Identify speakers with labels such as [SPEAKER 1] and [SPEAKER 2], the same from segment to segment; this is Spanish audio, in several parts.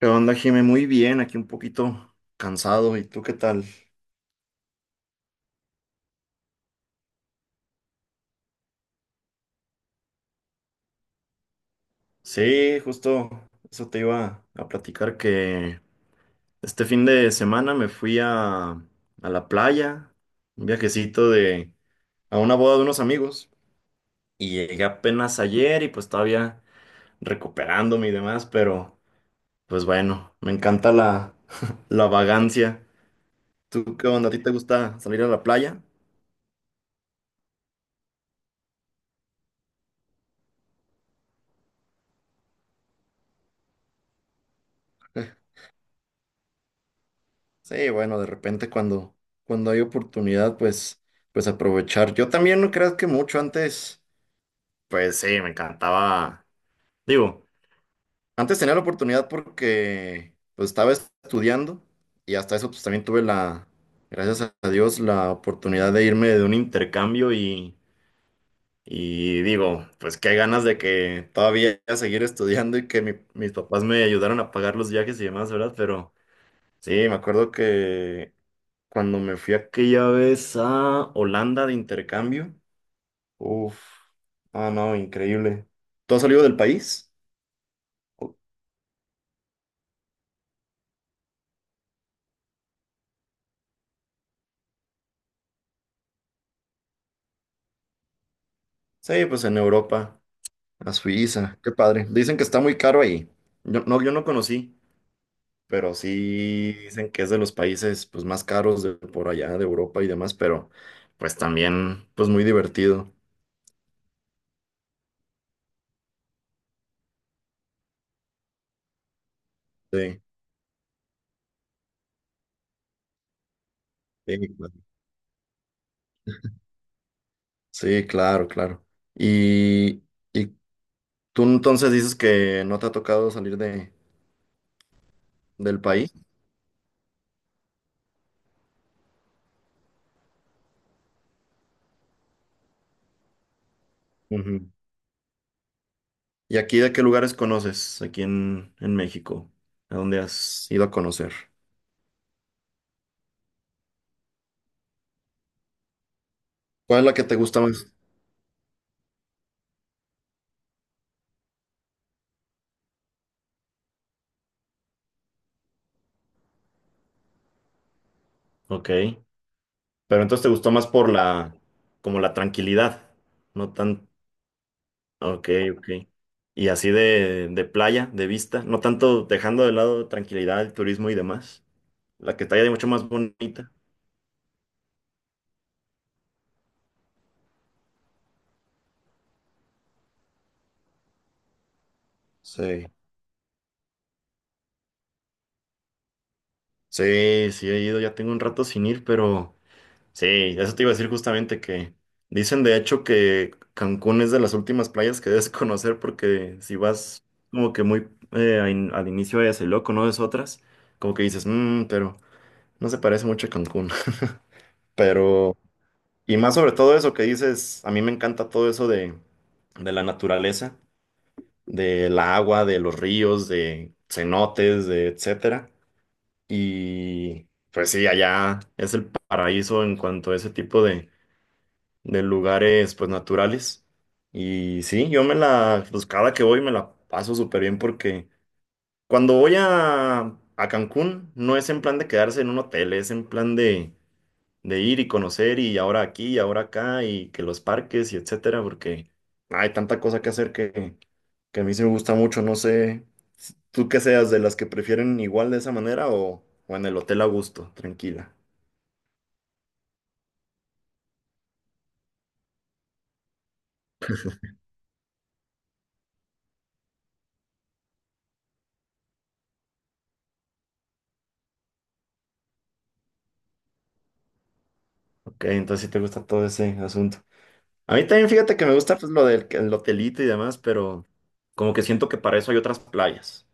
[SPEAKER 1] ¿Qué onda, Jimé? Muy bien, aquí un poquito cansado. ¿Y tú qué tal? Sí, justo eso te iba a platicar que este fin de semana me fui a la playa, un viajecito de, a una boda de unos amigos y llegué apenas ayer y pues todavía recuperándome y demás, pero pues bueno, me encanta la, la vagancia. ¿Tú qué onda? ¿A ti te gusta salir a la playa? Sí, bueno, de repente cuando hay oportunidad, pues, pues aprovechar. Yo también no creas que mucho antes, pues sí, me encantaba. Digo, antes tenía la oportunidad porque pues estaba estudiando y hasta eso pues también tuve la, gracias a Dios, la oportunidad de irme de un intercambio y digo, pues qué ganas de que todavía seguir estudiando y que mis papás me ayudaron a pagar los viajes y demás, ¿verdad? Pero sí, me acuerdo que cuando me fui aquella vez a Holanda de intercambio. Uf. Ah, no, increíble. ¿Tú has salido del país? Sí, pues en Europa, a Suiza. Qué padre. Dicen que está muy caro ahí. Yo no conocí, pero sí dicen que es de los países pues más caros de por allá, de Europa y demás, pero pues también pues muy divertido. Sí, sí, claro. Sí, claro, claro. Y, y tú entonces dices que no te ha tocado salir de, del país. Ujú. ¿Y aquí de qué lugares conoces aquí en México? ¿A dónde has ido a conocer? ¿Cuál es la que te gusta más? Ok, pero entonces te gustó más por la, como la tranquilidad, no tan, ok, ok. Y así de playa, de vista, no tanto dejando de lado tranquilidad, el turismo y demás. La que está ya mucho más bonita. Sí. Sí, sí he ido, ya tengo un rato sin ir, pero... Sí, eso te iba a decir justamente que dicen de hecho que Cancún es de las últimas playas que debes conocer porque si vas como que muy a al inicio de Loco, conoces otras, como que dices, mmm, pero no se parece mucho a Cancún. Pero, y más sobre todo eso que dices, a mí me encanta todo eso de la naturaleza, del agua, de los ríos, de cenotes, de etcétera. Y pues sí, allá es el paraíso en cuanto a ese tipo de lugares pues naturales. Y sí, yo me la, pues cada que voy me la paso súper bien porque cuando voy a Cancún no es en plan de quedarse en un hotel, es en plan de ir y conocer y ahora aquí y ahora acá y que los parques y etcétera, porque hay tanta cosa que hacer que a mí sí me gusta mucho, no sé, tú que seas de las que prefieren igual de esa manera o en el hotel a gusto, tranquila. Ok, entonces sí te gusta todo ese asunto. A mí también fíjate que me gusta pues lo del el hotelito y demás, pero como que siento que para eso hay otras playas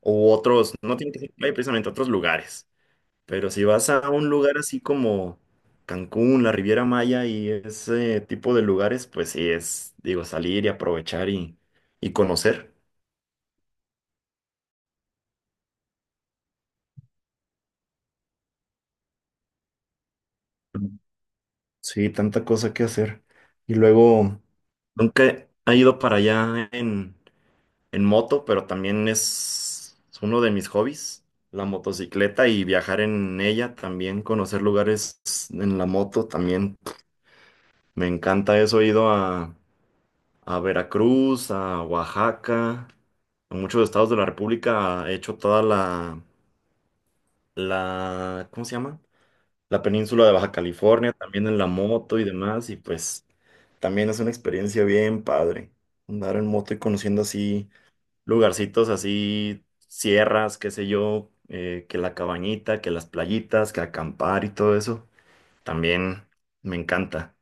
[SPEAKER 1] o otros, no tiene que ser playa precisamente, otros lugares. Pero si vas a un lugar así como Cancún, la Riviera Maya y ese tipo de lugares, pues sí es, digo, salir y aprovechar y conocer. Sí, tanta cosa que hacer. Y luego, nunca he ido para allá en moto, pero también es uno de mis hobbies, la motocicleta y viajar en ella, también conocer lugares en la moto, también me encanta eso. He ido a Veracruz, a Oaxaca, a muchos estados de la República, he hecho toda la, la, ¿cómo se llama? La península de Baja California, también en la moto y demás, y pues también es una experiencia bien padre, andar en moto y conociendo así lugarcitos así, sierras, qué sé yo, que la cabañita, que las playitas, que acampar y todo eso. También me encanta.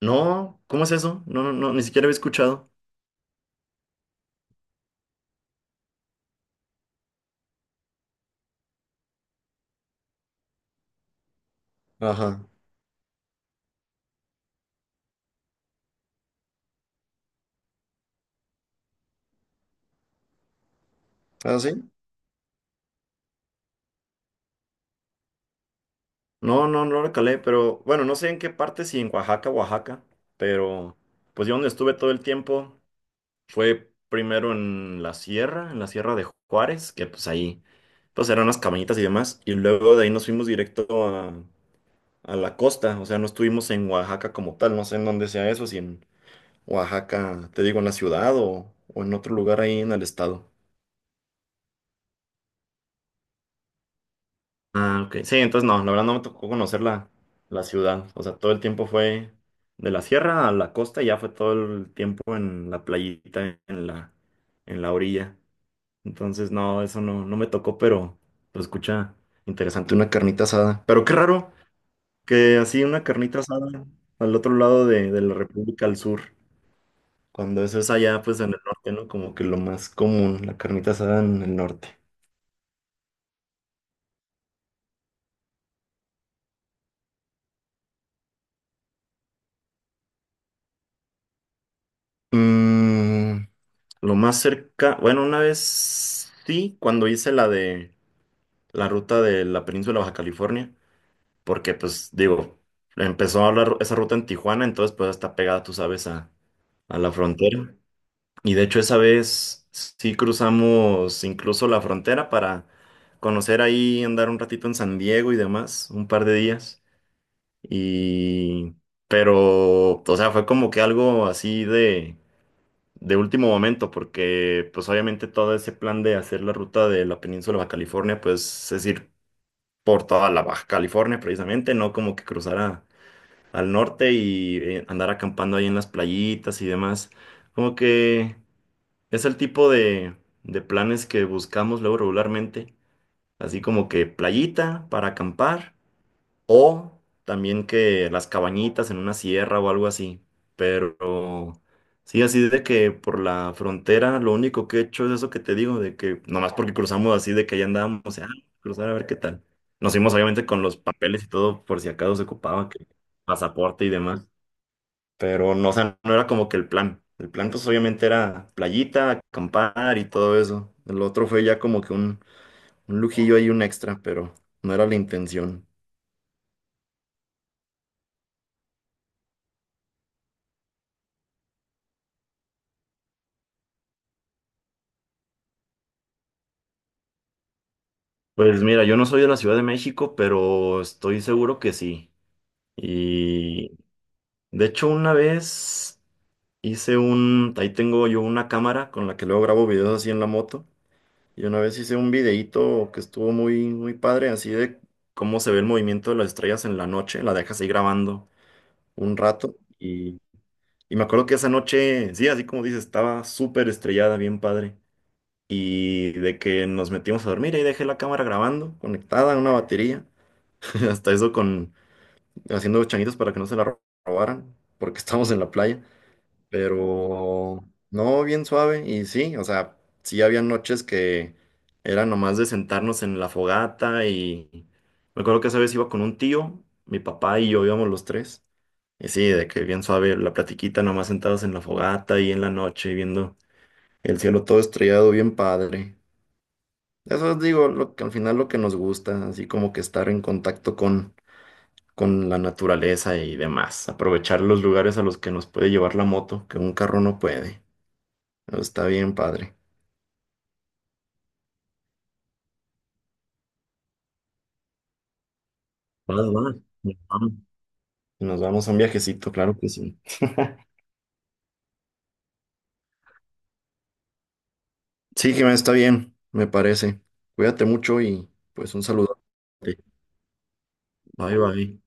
[SPEAKER 1] No, ¿cómo es eso? No, ni siquiera había escuchado. Ajá. ¿Ah, sí? No, no, no lo calé, pero bueno, no sé en qué parte, si en Oaxaca, Oaxaca, pero pues yo donde estuve todo el tiempo fue primero en la sierra de Juárez, que pues ahí pues eran unas cabañitas y demás, y luego de ahí nos fuimos directo a la costa, o sea, no estuvimos en Oaxaca como tal, no sé en dónde sea eso, si en Oaxaca, te digo, en la ciudad o en otro lugar ahí en el estado. Ah, ok. Sí, entonces no, la verdad no me tocó conocer la, la ciudad, o sea, todo el tiempo fue de la sierra a la costa y ya fue todo el tiempo en la playita, en la orilla. Entonces, no, eso no, no me tocó, pero escucha, interesante, una carnita asada. Pero qué raro que así una carnita asada al otro lado de la República al sur. Cuando eso es allá, pues en el norte, ¿no? Como que lo más común, la carnita asada en el norte. Mm, lo más cerca, bueno, una vez sí, cuando hice la de la ruta de la península Baja California, porque pues digo, empezó la esa ruta en Tijuana, entonces pues está pegada, tú sabes, a la frontera. Y de hecho esa vez sí cruzamos incluso la frontera para conocer ahí, andar un ratito en San Diego y demás, un par de días. Y, pero, o sea, fue como que algo así de último momento, porque pues obviamente todo ese plan de hacer la ruta de la península Baja California, pues es ir por toda la Baja California precisamente, no como que cruzar al norte y andar acampando ahí en las playitas y demás. Como que es el tipo de planes que buscamos luego regularmente, así como que playita para acampar o también que las cabañitas en una sierra o algo así. Pero sí, así de que por la frontera lo único que he hecho es eso que te digo, de que nomás porque cruzamos así, de que allá andábamos, o sea, cruzar a ver qué tal. Nos fuimos obviamente con los papeles y todo por si acaso se ocupaba, que pasaporte y demás. Pero no, o sea, no era como que el plan. El plan pues obviamente era playita, acampar y todo eso. El otro fue ya como que un lujillo ahí, un extra, pero no era la intención. Pues mira, yo no soy de la Ciudad de México, pero estoy seguro que sí. Y de hecho una vez hice un, ahí tengo yo una cámara con la que luego grabo videos así en la moto. Y una vez hice un videíto que estuvo muy, muy padre, así de cómo se ve el movimiento de las estrellas en la noche. La dejas ahí grabando un rato. Y me acuerdo que esa noche, sí, así como dices, estaba súper estrellada, bien padre. Y de que nos metimos a dormir y dejé la cámara grabando, conectada a una batería. Hasta eso con haciendo changuitos para que no se la robaran, porque estábamos en la playa. Pero no, bien suave. Y sí, o sea, sí había noches que era nomás de sentarnos en la fogata. Y me acuerdo que esa vez iba con un tío, mi papá y yo íbamos los tres. Y sí, de que bien suave la platiquita, nomás sentados en la fogata y en la noche, viendo el cielo todo estrellado, bien padre. Eso es, digo, lo que al final lo que nos gusta, así como que estar en contacto con la naturaleza y demás. Aprovechar los lugares a los que nos puede llevar la moto, que un carro no puede. Pero está bien, padre. Va, va, nos vamos. Nos vamos a un viajecito, claro que sí. Sí, Jimena, está bien, me parece. Cuídate mucho y pues un saludo. Bye, bye.